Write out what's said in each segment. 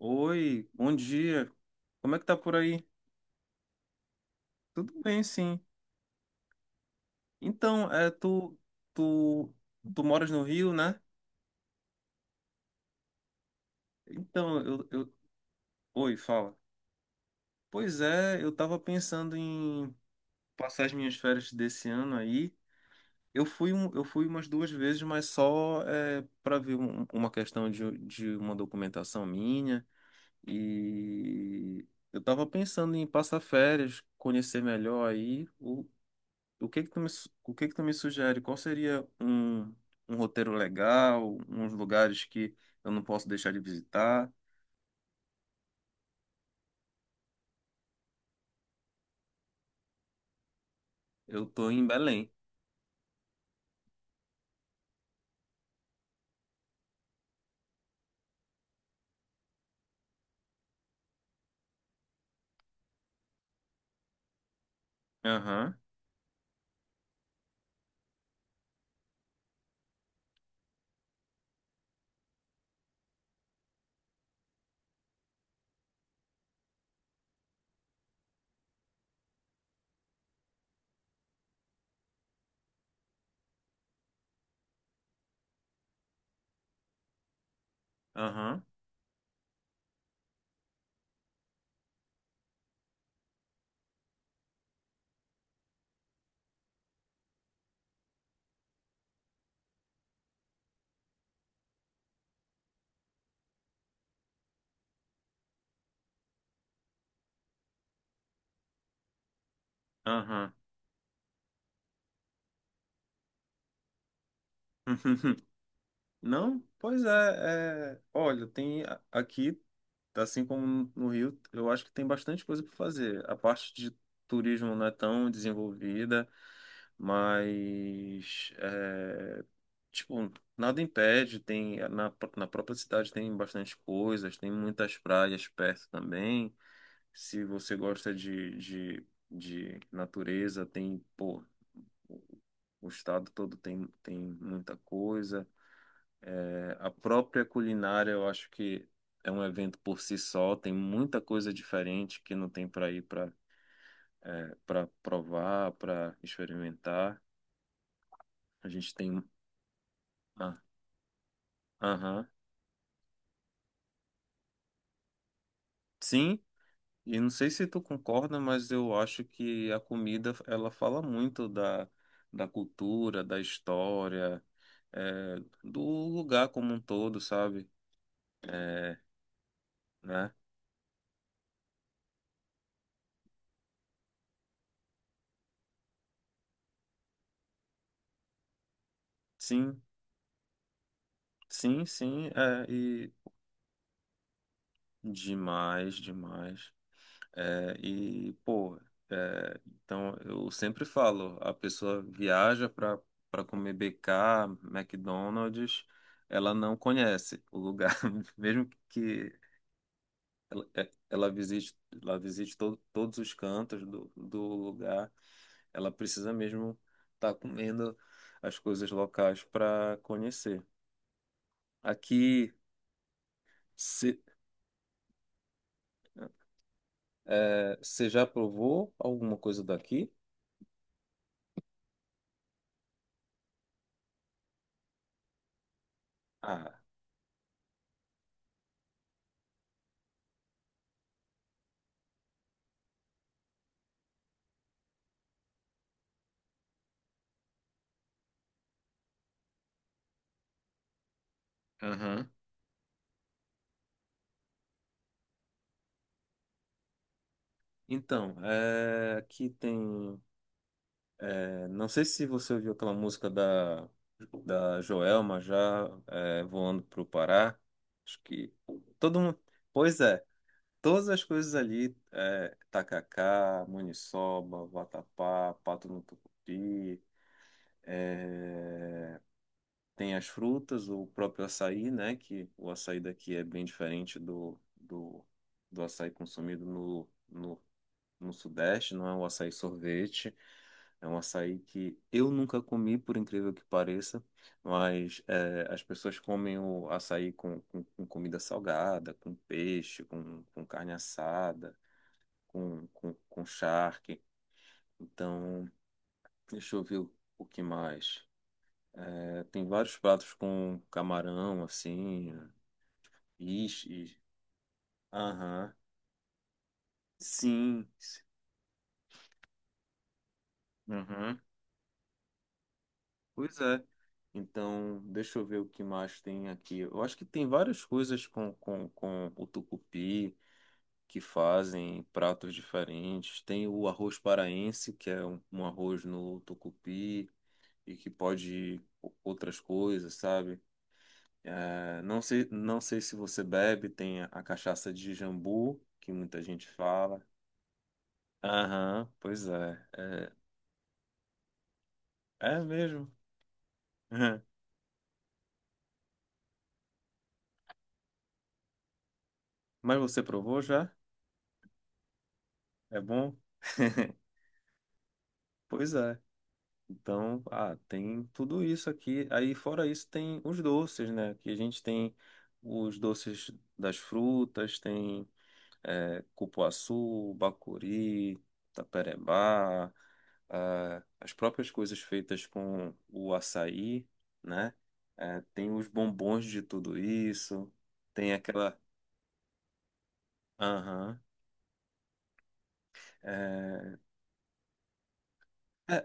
Oi, bom dia. Como é que tá por aí? Tudo bem, sim. Então, tu, tu, tu moras no Rio, né? Então, eu... Oi, fala. Pois é, eu tava pensando em passar as minhas férias desse ano aí. Eu fui, eu fui umas duas vezes, mas só para ver uma questão de uma documentação minha. E eu tava pensando em passar férias, conhecer melhor aí o que que tu me, o que que tu me sugere? Qual seria um, um roteiro legal, uns lugares que eu não posso deixar de visitar? Eu tô em Belém. Aham, aham, aham. Não? Pois é, olha, tem aqui, assim como no Rio, eu acho que tem bastante coisa para fazer. A parte de turismo não é tão desenvolvida, mas Tipo, nada impede, tem na, na própria cidade tem bastante coisas, tem muitas praias perto também. Se você gosta de natureza, tem, pô, o estado todo tem, tem muita coisa. É, a própria culinária, eu acho que é um evento por si só, tem muita coisa diferente que não tem para ir para para provar, para experimentar. A gente tem. Ah, aham. Sim, e não sei se tu concorda, mas eu acho que a comida ela fala muito da, da cultura, da história, é, do lugar como um todo, sabe? É, né? Sim, sim, sim, é, e demais, demais. É, e, pô, é, então eu sempre falo, a pessoa viaja para comer BK, McDonald's, ela não conhece o lugar, mesmo que ela, ela visite todos os cantos do, do lugar. Ela precisa mesmo estar comendo as coisas locais para conhecer. Aqui, se, é, você já provou alguma coisa daqui? Ah, aham. Então, aqui tem. É, não sei se você ouviu aquela música da, da Joelma já voando pro Pará. Acho que todo mundo. Pois é. Todas as coisas ali, é, tacacá, maniçoba, vatapá, pato no tucupi, tem as frutas, o próprio açaí, né? Que o açaí daqui é bem diferente do, do, do açaí consumido no, no, no Sudeste, não é um açaí sorvete, é um açaí que eu nunca comi, por incrível que pareça, mas é, as pessoas comem o açaí com comida salgada, com peixe, com carne assada, com charque. Então, deixa eu ver o que mais. É, tem vários pratos com camarão, assim, peixe. Aham. Sim. Aham. Pois é. Então, deixa eu ver o que mais tem aqui. Eu acho que tem várias coisas com o tucupi que fazem pratos diferentes. Tem o arroz paraense, que é um, um arroz no tucupi e que pode outras coisas, sabe? É, não sei, não sei se você bebe, tem a cachaça de jambu, que muita gente fala. Aham, pois é. É, é mesmo. Mas você provou já? É bom? Pois é. Então, ah, tem tudo isso aqui. Aí, fora isso, tem os doces, né? Que a gente tem os doces das frutas, tem cupuaçu, bacuri, taperebá. Ah, as próprias coisas feitas com o açaí, né? Tem os bombons de tudo isso, tem aquela. Aham. Eh, é,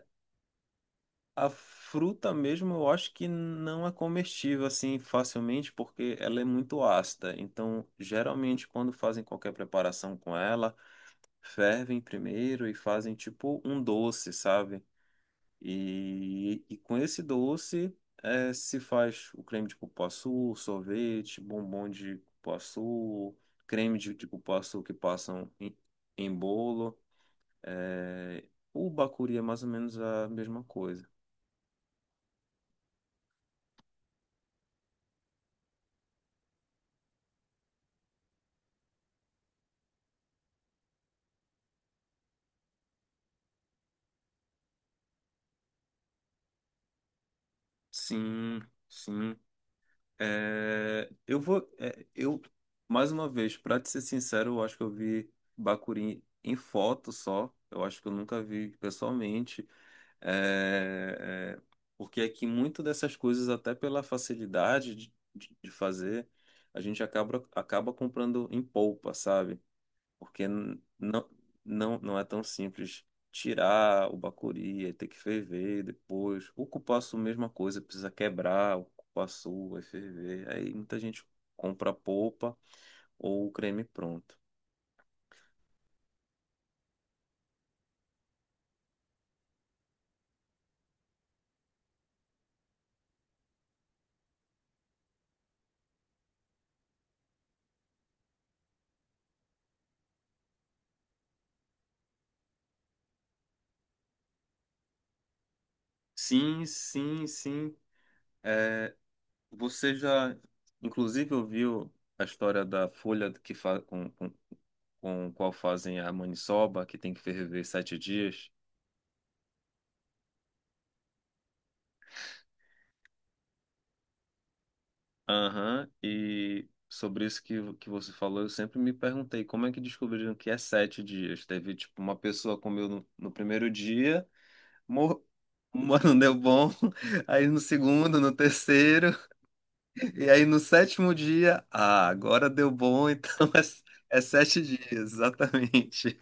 a fruta mesmo eu acho que não é comestível assim facilmente porque ela é muito ácida. Então, geralmente, quando fazem qualquer preparação com ela, fervem primeiro e fazem tipo um doce, sabe? E com esse doce se faz o creme de cupuaçu, sorvete, bombom de cupuaçu, creme de cupuaçu que passam em, em bolo. É, o bacuri é mais ou menos a mesma coisa. Sim, sim. É, eu vou. É, eu, Mais uma vez, para te ser sincero, eu acho que eu vi bacuri em foto só. Eu acho que eu nunca vi pessoalmente. É, é, porque aqui muito dessas coisas, até pela facilidade de fazer, a gente acaba, acaba comprando em polpa, sabe? Porque não, não, não é tão simples tirar o bacuri, aí ter que ferver depois. O cupuaçu, mesma coisa, precisa quebrar o cupuaçu, vai ferver. Aí muita gente compra a polpa ou o creme pronto. Sim, sim, sim. é, Você já, inclusive, ouviu a história da folha que fa com, com qual fazem a maniçoba, que tem que ferver 7 dias? Aham, e sobre isso que você falou, eu sempre me perguntei como é que descobriram que é 7 dias? Teve, tipo, uma pessoa comeu no, no primeiro dia, mor... Mano, não deu bom. Aí no segundo, no terceiro, e aí no sétimo dia, ah, agora deu bom, então é 7 dias, exatamente.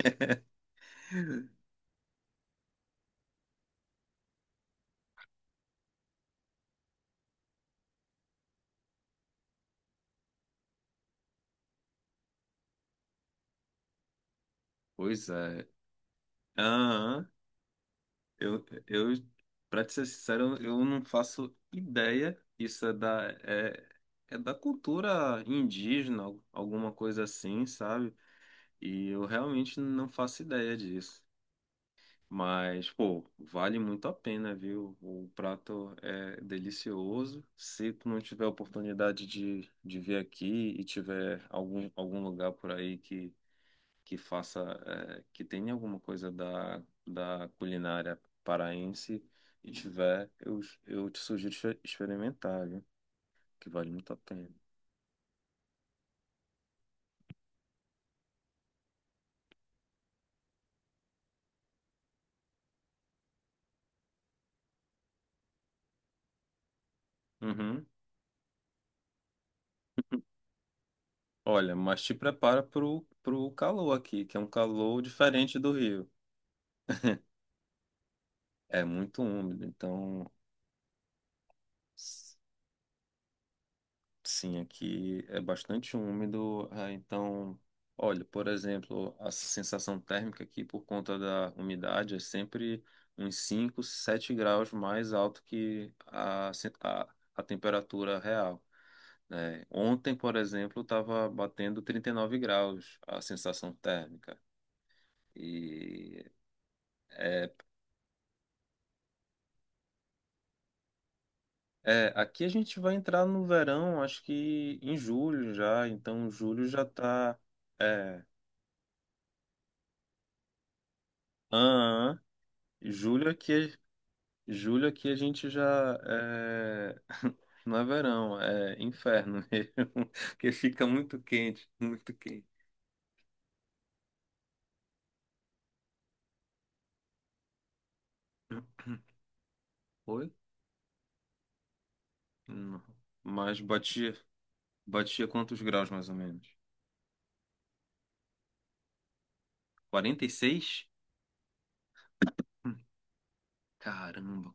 Pois é. Aham, eu, eu, pra te ser sincero, eu não faço ideia. Isso é da, é da cultura indígena, alguma coisa assim, sabe? E eu realmente não faço ideia disso. Mas, pô, vale muito a pena, viu? O prato é delicioso. Se tu não tiver a oportunidade de vir aqui e tiver algum, algum lugar por aí que faça, que tenha alguma coisa da, da culinária paraense e tiver, eu te sugiro experimentar, viu? Que vale muito a pena. Uhum. Olha, mas te prepara pro, pro calor aqui, que é um calor diferente do Rio. É muito úmido, então sim, aqui é bastante úmido, ah, então, olha, por exemplo, a sensação térmica aqui por conta da umidade é sempre uns 5 7 graus mais alto que a temperatura real, né? Ontem, por exemplo, estava batendo 39 graus a sensação térmica. E é, é, aqui a gente vai entrar no verão, acho que em julho já, então julho já está. Julho aqui, julho aqui a gente já é... não é verão, é inferno mesmo, porque fica muito quente, muito quente. Foi? Não. Mas batia, batia quantos graus mais ou menos? 46? Hum, Caramba.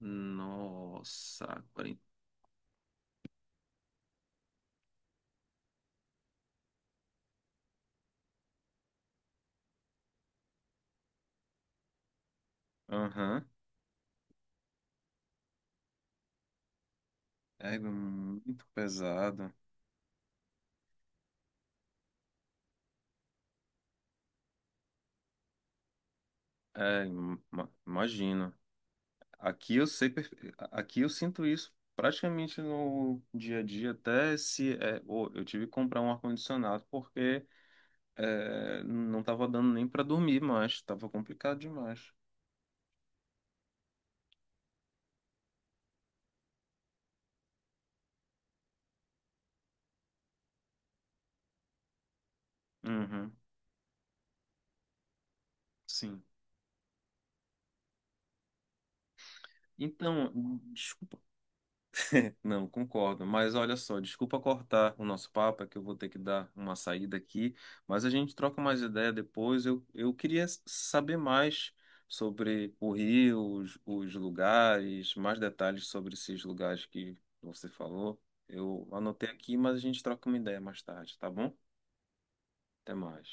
Nossa, quarenta. Aham. É muito pesado. É, imagino. Aqui eu sei, aqui eu sinto isso praticamente no dia a dia, até se eu tive que comprar um ar-condicionado porque não estava dando nem para dormir mais, estava complicado demais. Uhum, sim. Então, desculpa não, concordo. Mas olha só, desculpa cortar o nosso papo, é que eu vou ter que dar uma saída aqui, mas a gente troca mais ideia depois. Eu queria saber mais sobre o Rio, os lugares, mais detalhes sobre esses lugares que você falou. Eu anotei aqui, mas a gente troca uma ideia mais tarde, tá bom? Até mais.